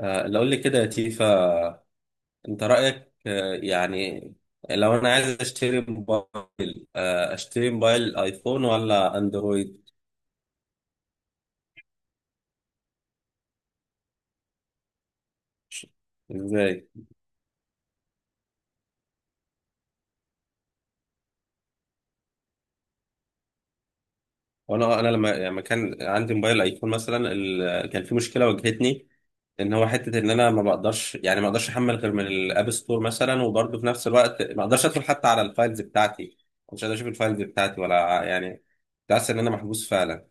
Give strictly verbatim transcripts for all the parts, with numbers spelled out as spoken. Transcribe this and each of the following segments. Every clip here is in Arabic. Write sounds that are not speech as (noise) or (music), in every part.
آه، لو قول لي كده يا تيفا، انت رأيك آه، يعني. لو انا عايز اشتري موبايل آه، اشتري موبايل ايفون ولا اندرويد؟ ازاي؟ وانا انا لما يعني لما كان عندي موبايل ايفون مثلا ال- كان في مشكلة واجهتني، ان هو حتة ان انا ما بقدرش، يعني ما اقدرش احمل غير من الاب ستور مثلا، وبرضه في نفس الوقت ما اقدرش ادخل حتى على الفايلز بتاعتي. مش قادر اشوف الفايلز بتاعتي، ولا يعني، كنت حاسس ان انا محبوس فعلا.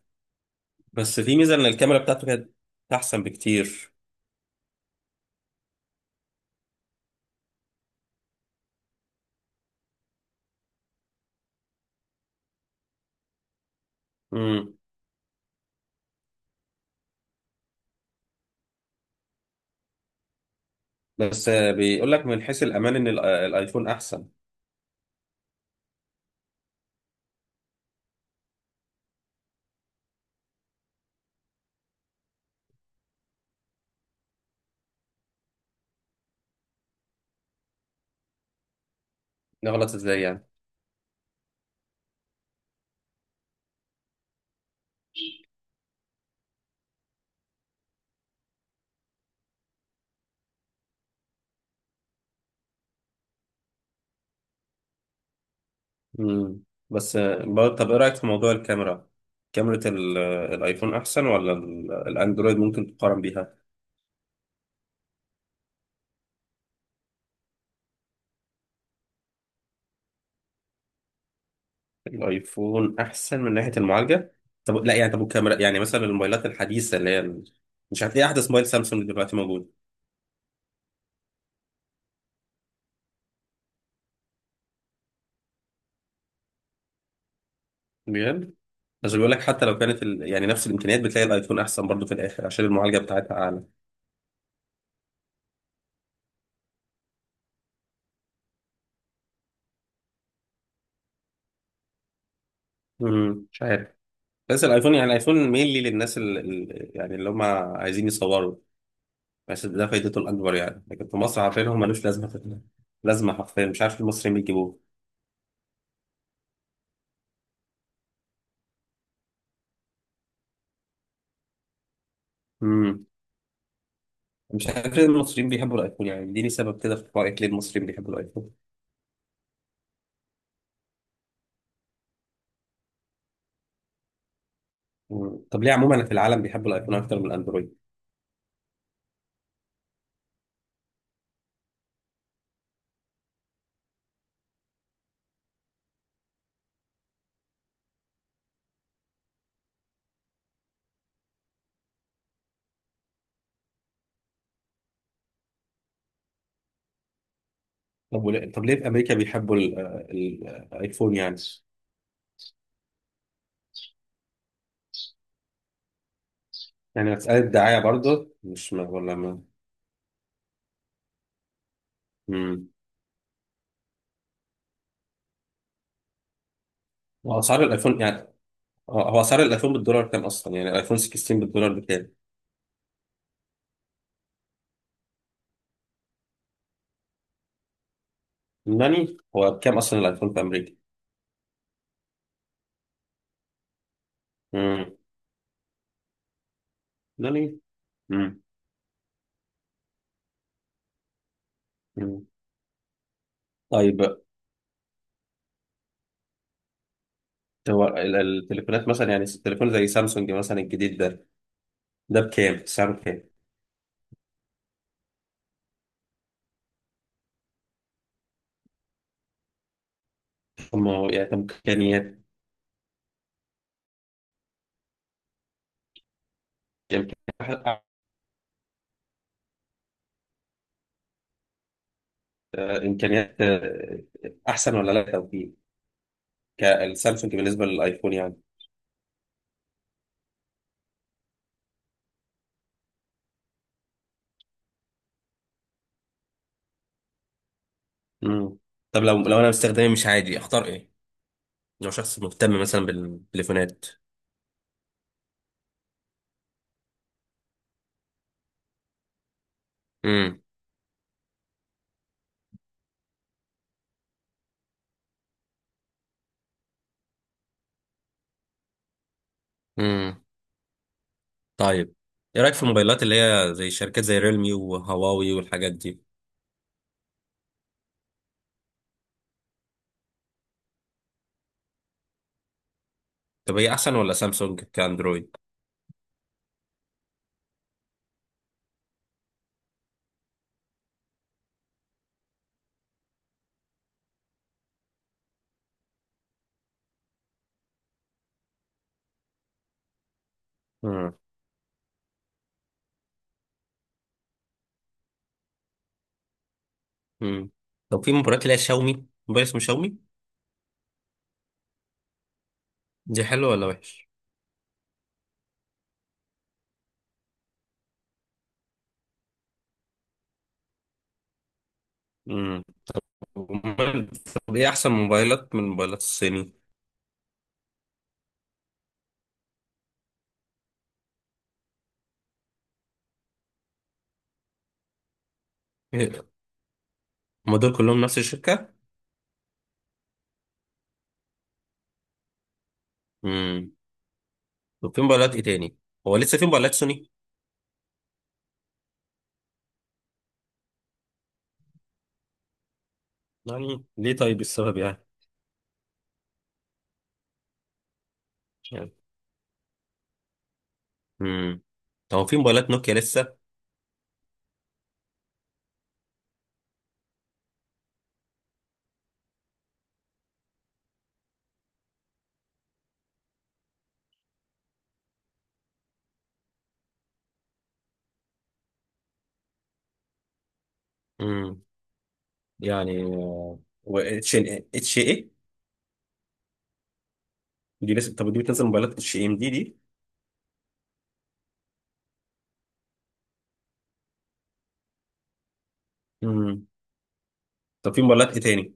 بس في ميزة ان الكاميرا بتاعته كانت احسن بكتير. بس آه، بيقول لك من حيث الامان ان ال- الايفون احسن. نغلط ازاي يعني؟ امم. بس آه، برضه- طب ايه رايك في موضوع الكاميرا؟ كاميرا ال- الايفون احسن ولا ال- الاندرويد ممكن تقارن بيها؟ الايفون احسن من ناحيه المعالجه؟ طب لا يعني، طب الكاميرا يعني مثلا الموبايلات الحديثه اللي هي ال- مش هتلاقي احدث موبايل سامسونج دلوقتي موجود. بجد؟ بس بيقول لك حتى لو كانت ال... يعني نفس الامكانيات، بتلاقي الايفون احسن برضه في الاخر عشان المعالجه بتاعتها اعلى. امم، مش عارف. بس الايفون يعني الايفون مينلي للناس ال... ال- يعني اللي هم عايزين يصوروا. بس ده فايدته الاكبر يعني، لكن في مصر، عارفين هم ملوش لازمه في... لازمه حرفيا. مش عارف المصريين بيجيبوه. امم. مش عارف ليه المصريين بيحبوا الايفون، يعني اديني سبب كده، في رايك ليه المصريين بيحبوا الايفون؟ مم. طب ليه عموما في العالم بيحبوا الايفون اكتر من الاندرويد؟ طب وليه... طب ليه في امريكا بيحبوا ال... ال- الايفون يعني؟ يعني مساله دعايه برضه، مش ما... ولا ما. امم. واسعار الايفون يعني، هو هو اسعار الايفون بالدولار كام اصلا، يعني الايفون ستة عشر بالدولار بكام؟ ناني، هو بكام اصلا الايفون في امريكا؟ امم. ناني. امم. أمم. طيب، هو ال- التليفونات مثلا، يعني التليفون زي سامسونج مثلا الجديد ده، ده بكام سعره بكام؟ هم، يعني طب امكانيات، امكانيات، آه، إمكانيات، آه، احسن ولا لا توفيق؟ كالسامسونج بالنسبه للايفون يعني. امم. طب لو لو انا مستخدمي مش عادي اختار ايه؟ لو شخص مهتم مثلا بالتليفونات. امم. امم. طيب، ايه رايك في الموبايلات اللي هي زي شركات زي ريلمي وهواوي والحاجات دي؟ طب هي احسن ولا سامسونج كاندرويد؟ امم. امم. طب في موبايلات اللي هي شاومي، موبايل اسمه شاومي، دي حلوه ولا وحش؟ امم. وموبايل- طب ايه احسن موبايلات من موبايلات الصيني؟ هم دول كلهم نفس الشركه؟ امم. طب في موبايلات ايه تاني، هو لسه في موبايلات سوني؟ يعني ليه طيب، السبب يعني؟ يعني. امم. طب هو في موبايلات نوكيا لسه؟ امم. يعني آه، و اتش اتش ايه؟ دي لسه، طب دي بتنزل موبايلات اتش ام دي دي؟ امم. طب في موبايلات ايه تاني؟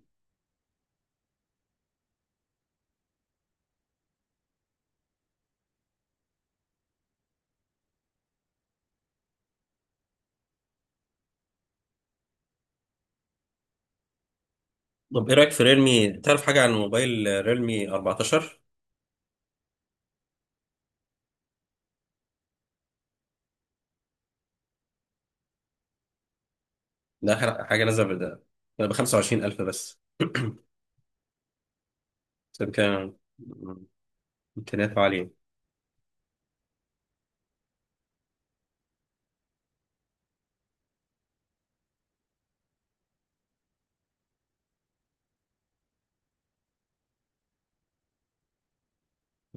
طب ايه رايك في ريلمي، تعرف حاجه عن موبايل ريلمي اربعتاشر؟ ده آخر حاجه نزل ده، ب خمسة وعشرين الف بس. (clears throat) عشان كده امكانياته عاليه.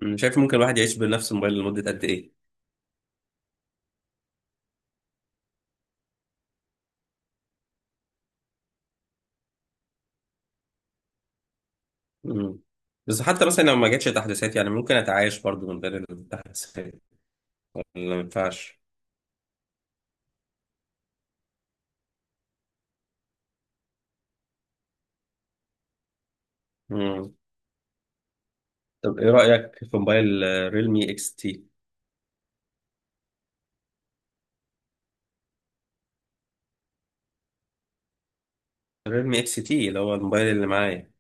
أمم، شايف ممكن الواحد يعيش بنفس الموبايل لمده قد ايه؟ أمم. بس حتى مثلا لو ما جاتش تحديثات يعني، ممكن اتعايش برضو من غير التحديثات ولا ما ينفعش؟ أمم. طب ايه رايك في موبايل آه، ريلمي اكس تي؟ ريلمي اكس تي اللي هو الموبايل اللي معايا.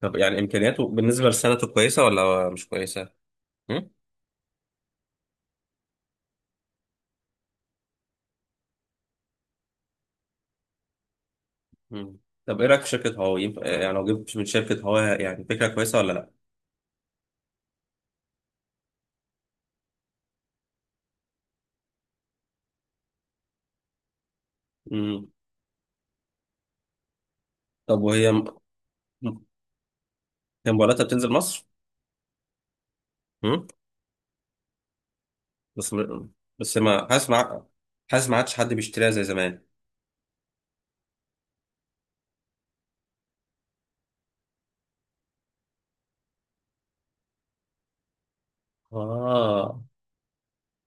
طب يعني امكانياته بالنسبه لسنته كويسه ولا مش كويسه؟ أمم. مم. طب ايه رايك في شركه هواوي، ينفع- يعني لو جبت من شركه هواوي يعني فكره كويسه ولا لا؟ مم. طب وهي، م- هي موبايلاتها بتنزل مصر؟ مم. بس م- بس ما حاسس ما حاسس ما عادش حد بيشتريها زي زمان. اه،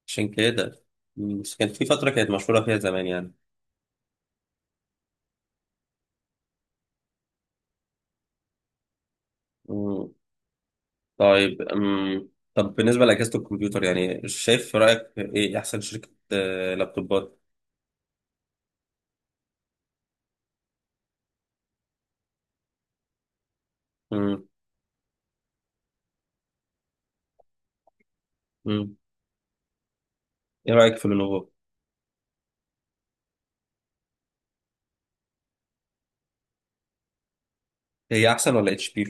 عشان كده. مم. بس كانت في فتره كانت مشهوره فيها زمان يعني. مم. طيب. مم. طب بالنسبه لاجهزه الكمبيوتر يعني، شايف في رايك ايه احسن شركه آه، لابتوبات؟ مم. مم. ايه رايك في لينوفو؟ هي احسن ولا اتش بي؟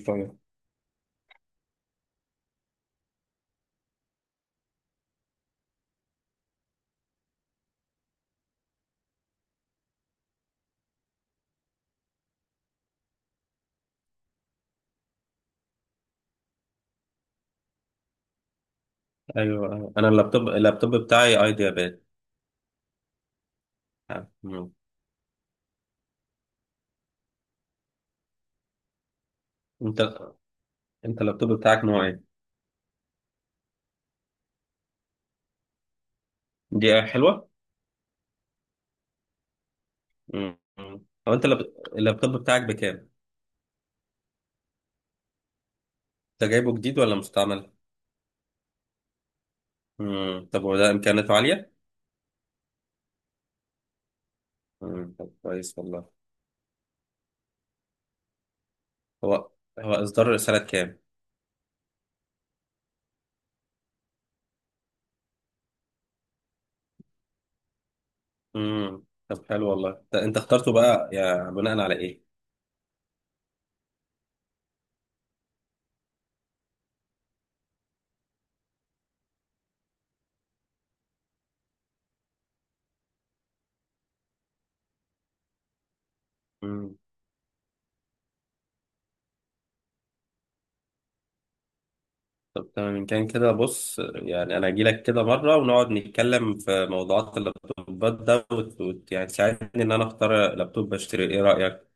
ايوه، أيوة. انا اللابتوب اللابتوب بتاعي ايديا باد. مم. انت انت اللابتوب بتاعك نوع ايه؟ دي حلوه. مم. او انت اللاب- اللابتوب بتاعك بكام؟ انت جايبه جديد ولا مستعمل؟ مم. طب وده امكانياته عاليه؟ مم. طب كويس والله. هو هو اصدار سنه كام؟ مم. طب حلو والله، انت أنت اخترته بقى يا بناء على ايه؟ طب تمام، إن كان كده بص، يعني أنا أجيلك كده مرة ونقعد نتكلم في موضوعات اللابتوبات ده، وت... وت... يعني تساعدني إن أنا أختار لابتوب أشتري، إيه رأيك؟